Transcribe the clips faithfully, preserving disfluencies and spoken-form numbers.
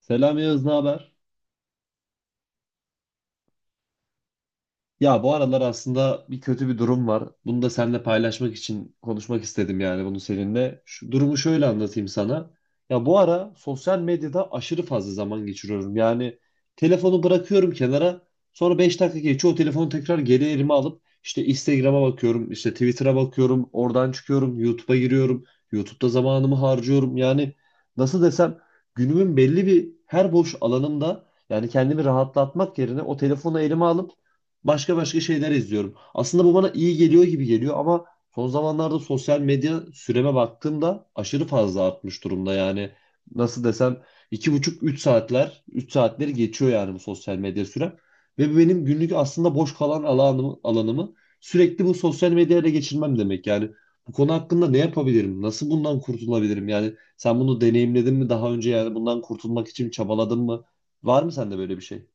Selam Yağız, ne haber? Ya bu aralar aslında bir kötü bir durum var. Bunu da seninle paylaşmak için konuşmak istedim yani bunu seninle. Şu durumu şöyle anlatayım sana. Ya bu ara sosyal medyada aşırı fazla zaman geçiriyorum. Yani telefonu bırakıyorum kenara. Sonra beş dakika geçiyor. O telefonu tekrar geri elime alıp işte Instagram'a bakıyorum, işte Twitter'a bakıyorum, oradan çıkıyorum, YouTube'a giriyorum. YouTube'da zamanımı harcıyorum. Yani nasıl desem günümün belli bir her boş alanımda yani kendimi rahatlatmak yerine o telefonu elime alıp başka başka şeyler izliyorum. Aslında bu bana iyi geliyor gibi geliyor ama son zamanlarda sosyal medya süreme baktığımda aşırı fazla artmış durumda. Yani nasıl desem iki buçuk üç saatler üç saatleri geçiyor yani bu sosyal medya sürem. Ve bu benim günlük aslında boş kalan alanımı, alanımı sürekli bu sosyal medyayla geçirmem demek. Yani bu konu hakkında ne yapabilirim? Nasıl bundan kurtulabilirim? Yani sen bunu deneyimledin mi daha önce yani bundan kurtulmak için çabaladın mı? Var mı sende böyle bir şey?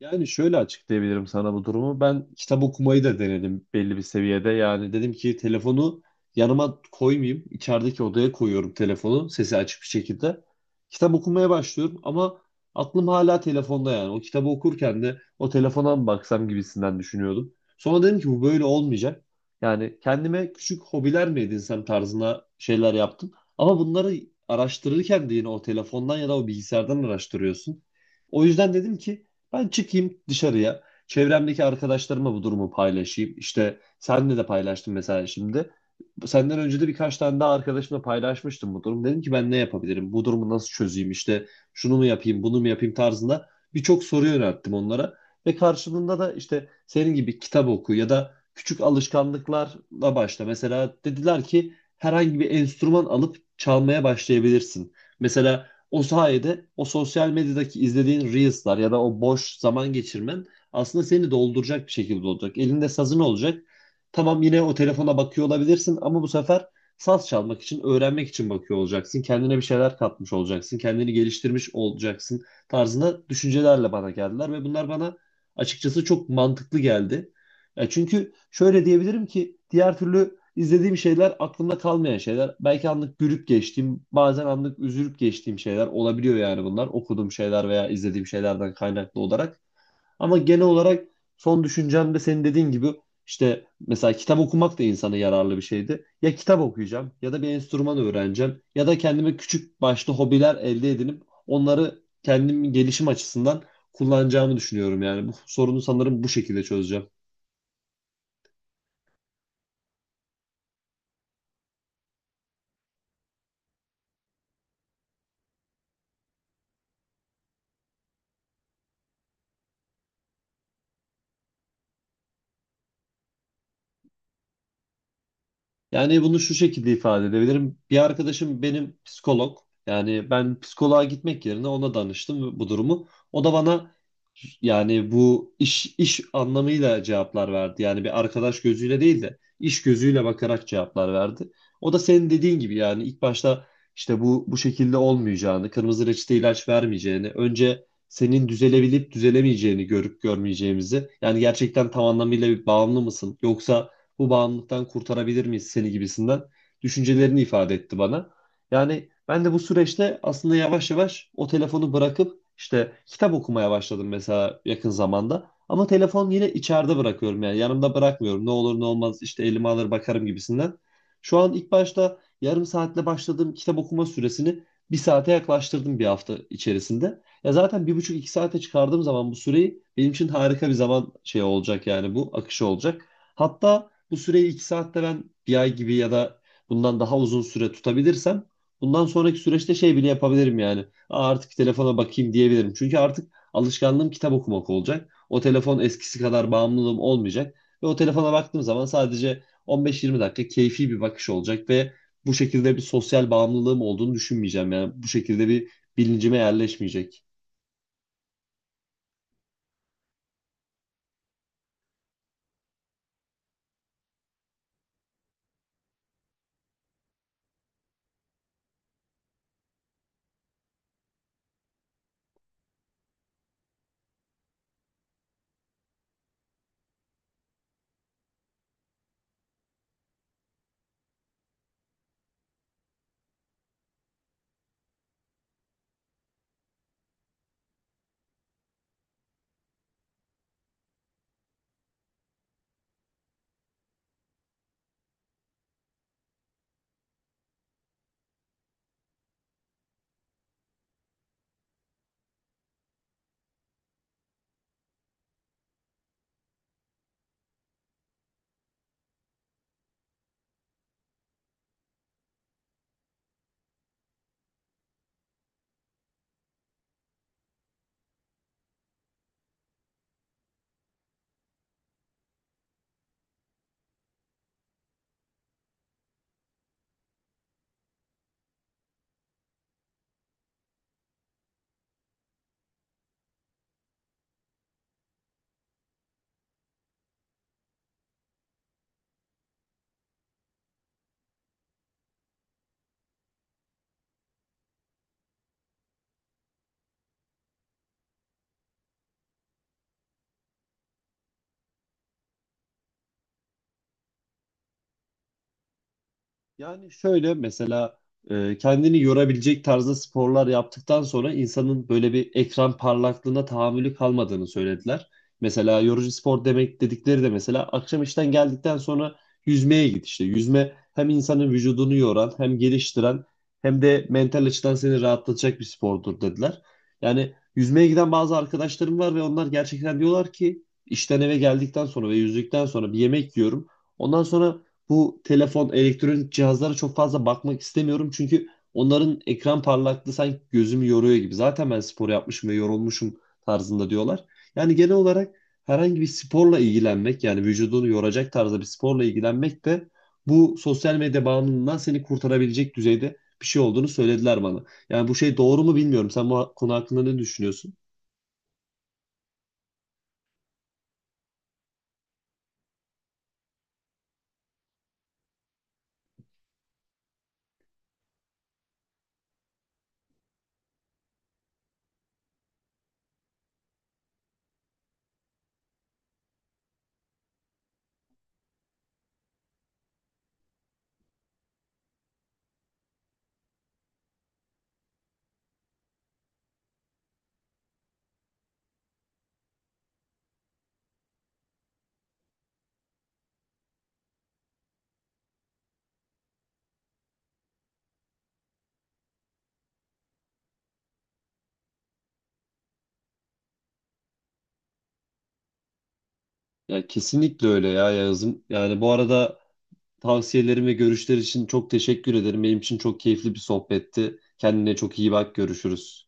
Yani şöyle açıklayabilirim sana bu durumu. Ben kitap okumayı da denedim belli bir seviyede. Yani dedim ki telefonu yanıma koymayayım. İçerideki odaya koyuyorum telefonu sesi açık bir şekilde. Kitap okumaya başlıyorum ama aklım hala telefonda yani. O kitabı okurken de o telefona mı baksam gibisinden düşünüyordum. Sonra dedim ki bu böyle olmayacak. Yani kendime küçük hobiler mi edinsem tarzına şeyler yaptım. Ama bunları araştırırken de yine o telefondan ya da o bilgisayardan araştırıyorsun. O yüzden dedim ki ben çıkayım dışarıya. Çevremdeki arkadaşlarıma bu durumu paylaşayım. İşte senle de paylaştım mesela şimdi. Senden önce de birkaç tane daha arkadaşımla paylaşmıştım bu durum. Dedim ki ben ne yapabilirim? Bu durumu nasıl çözeyim? İşte şunu mu yapayım, bunu mu yapayım tarzında birçok soru yönelttim onlara. Ve karşılığında da işte senin gibi kitap oku ya da küçük alışkanlıklarla başla. Mesela dediler ki herhangi bir enstrüman alıp çalmaya başlayabilirsin. Mesela o sayede o sosyal medyadaki izlediğin Reels'lar ya da o boş zaman geçirmen aslında seni dolduracak bir şekilde olacak. Elinde sazın olacak. Tamam yine o telefona bakıyor olabilirsin ama bu sefer saz çalmak için, öğrenmek için bakıyor olacaksın. Kendine bir şeyler katmış olacaksın. Kendini geliştirmiş olacaksın tarzında düşüncelerle bana geldiler ve bunlar bana açıkçası çok mantıklı geldi. Ya çünkü şöyle diyebilirim ki diğer türlü İzlediğim şeyler aklımda kalmayan şeyler. Belki anlık gülüp geçtiğim, bazen anlık üzülüp geçtiğim şeyler olabiliyor yani bunlar. Okuduğum şeyler veya izlediğim şeylerden kaynaklı olarak. Ama genel olarak son düşüncem de senin dediğin gibi işte mesela kitap okumak da insana yararlı bir şeydi. Ya kitap okuyacağım ya da bir enstrüman öğreneceğim ya da kendime küçük başlı hobiler elde edinip onları kendim gelişim açısından kullanacağımı düşünüyorum yani. Bu sorunu sanırım bu şekilde çözeceğim. Yani bunu şu şekilde ifade edebilirim. Bir arkadaşım benim psikolog. Yani ben psikoloğa gitmek yerine ona danıştım bu durumu. O da bana yani bu iş iş anlamıyla cevaplar verdi. Yani bir arkadaş gözüyle değil de iş gözüyle bakarak cevaplar verdi. O da senin dediğin gibi yani ilk başta işte bu bu şekilde olmayacağını, kırmızı reçete ilaç vermeyeceğini, önce senin düzelebilip düzelemeyeceğini görüp görmeyeceğimizi, yani gerçekten tam anlamıyla bir bağımlı mısın yoksa bu bağımlılıktan kurtarabilir miyiz seni gibisinden düşüncelerini ifade etti bana. Yani ben de bu süreçte aslında yavaş yavaş o telefonu bırakıp işte kitap okumaya başladım mesela yakın zamanda. Ama telefon yine içeride bırakıyorum yani yanımda bırakmıyorum. Ne olur ne olmaz işte elime alır bakarım gibisinden. Şu an ilk başta yarım saatle başladığım kitap okuma süresini bir saate yaklaştırdım bir hafta içerisinde. Ya zaten bir buçuk iki saate çıkardığım zaman bu süreyi benim için harika bir zaman şey olacak yani bu akışı olacak. Hatta bu süreyi iki saatte ben bir ay gibi ya da bundan daha uzun süre tutabilirsem bundan sonraki süreçte şey bile yapabilirim yani. Aa, artık telefona bakayım diyebilirim. Çünkü artık alışkanlığım kitap okumak olacak. O telefon eskisi kadar bağımlılığım olmayacak. Ve o telefona baktığım zaman sadece on beş yirmi dakika keyfi bir bakış olacak ve bu şekilde bir sosyal bağımlılığım olduğunu düşünmeyeceğim. Yani bu şekilde bir bilincime yerleşmeyecek. Yani şöyle mesela e, kendini yorabilecek tarzda sporlar yaptıktan sonra insanın böyle bir ekran parlaklığına tahammülü kalmadığını söylediler. Mesela yorucu spor demek dedikleri de mesela akşam işten geldikten sonra yüzmeye git işte. Yüzme hem insanın vücudunu yoran hem geliştiren hem de mental açıdan seni rahatlatacak bir spordur dediler. Yani yüzmeye giden bazı arkadaşlarım var ve onlar gerçekten diyorlar ki işten eve geldikten sonra ve yüzdükten sonra bir yemek yiyorum. Ondan sonra bu telefon, elektronik cihazlara çok fazla bakmak istemiyorum. Çünkü onların ekran parlaklığı sanki gözümü yoruyor gibi. Zaten ben spor yapmışım ve yorulmuşum tarzında diyorlar. Yani genel olarak herhangi bir sporla ilgilenmek yani vücudunu yoracak tarzda bir sporla ilgilenmek de bu sosyal medya bağımlılığından seni kurtarabilecek düzeyde bir şey olduğunu söylediler bana. Yani bu şey doğru mu bilmiyorum. Sen bu konu hakkında ne düşünüyorsun? Ya kesinlikle öyle ya Yağız'ım. Yani bu arada tavsiyelerin ve görüşler için çok teşekkür ederim. Benim için çok keyifli bir sohbetti. Kendine çok iyi bak. Görüşürüz.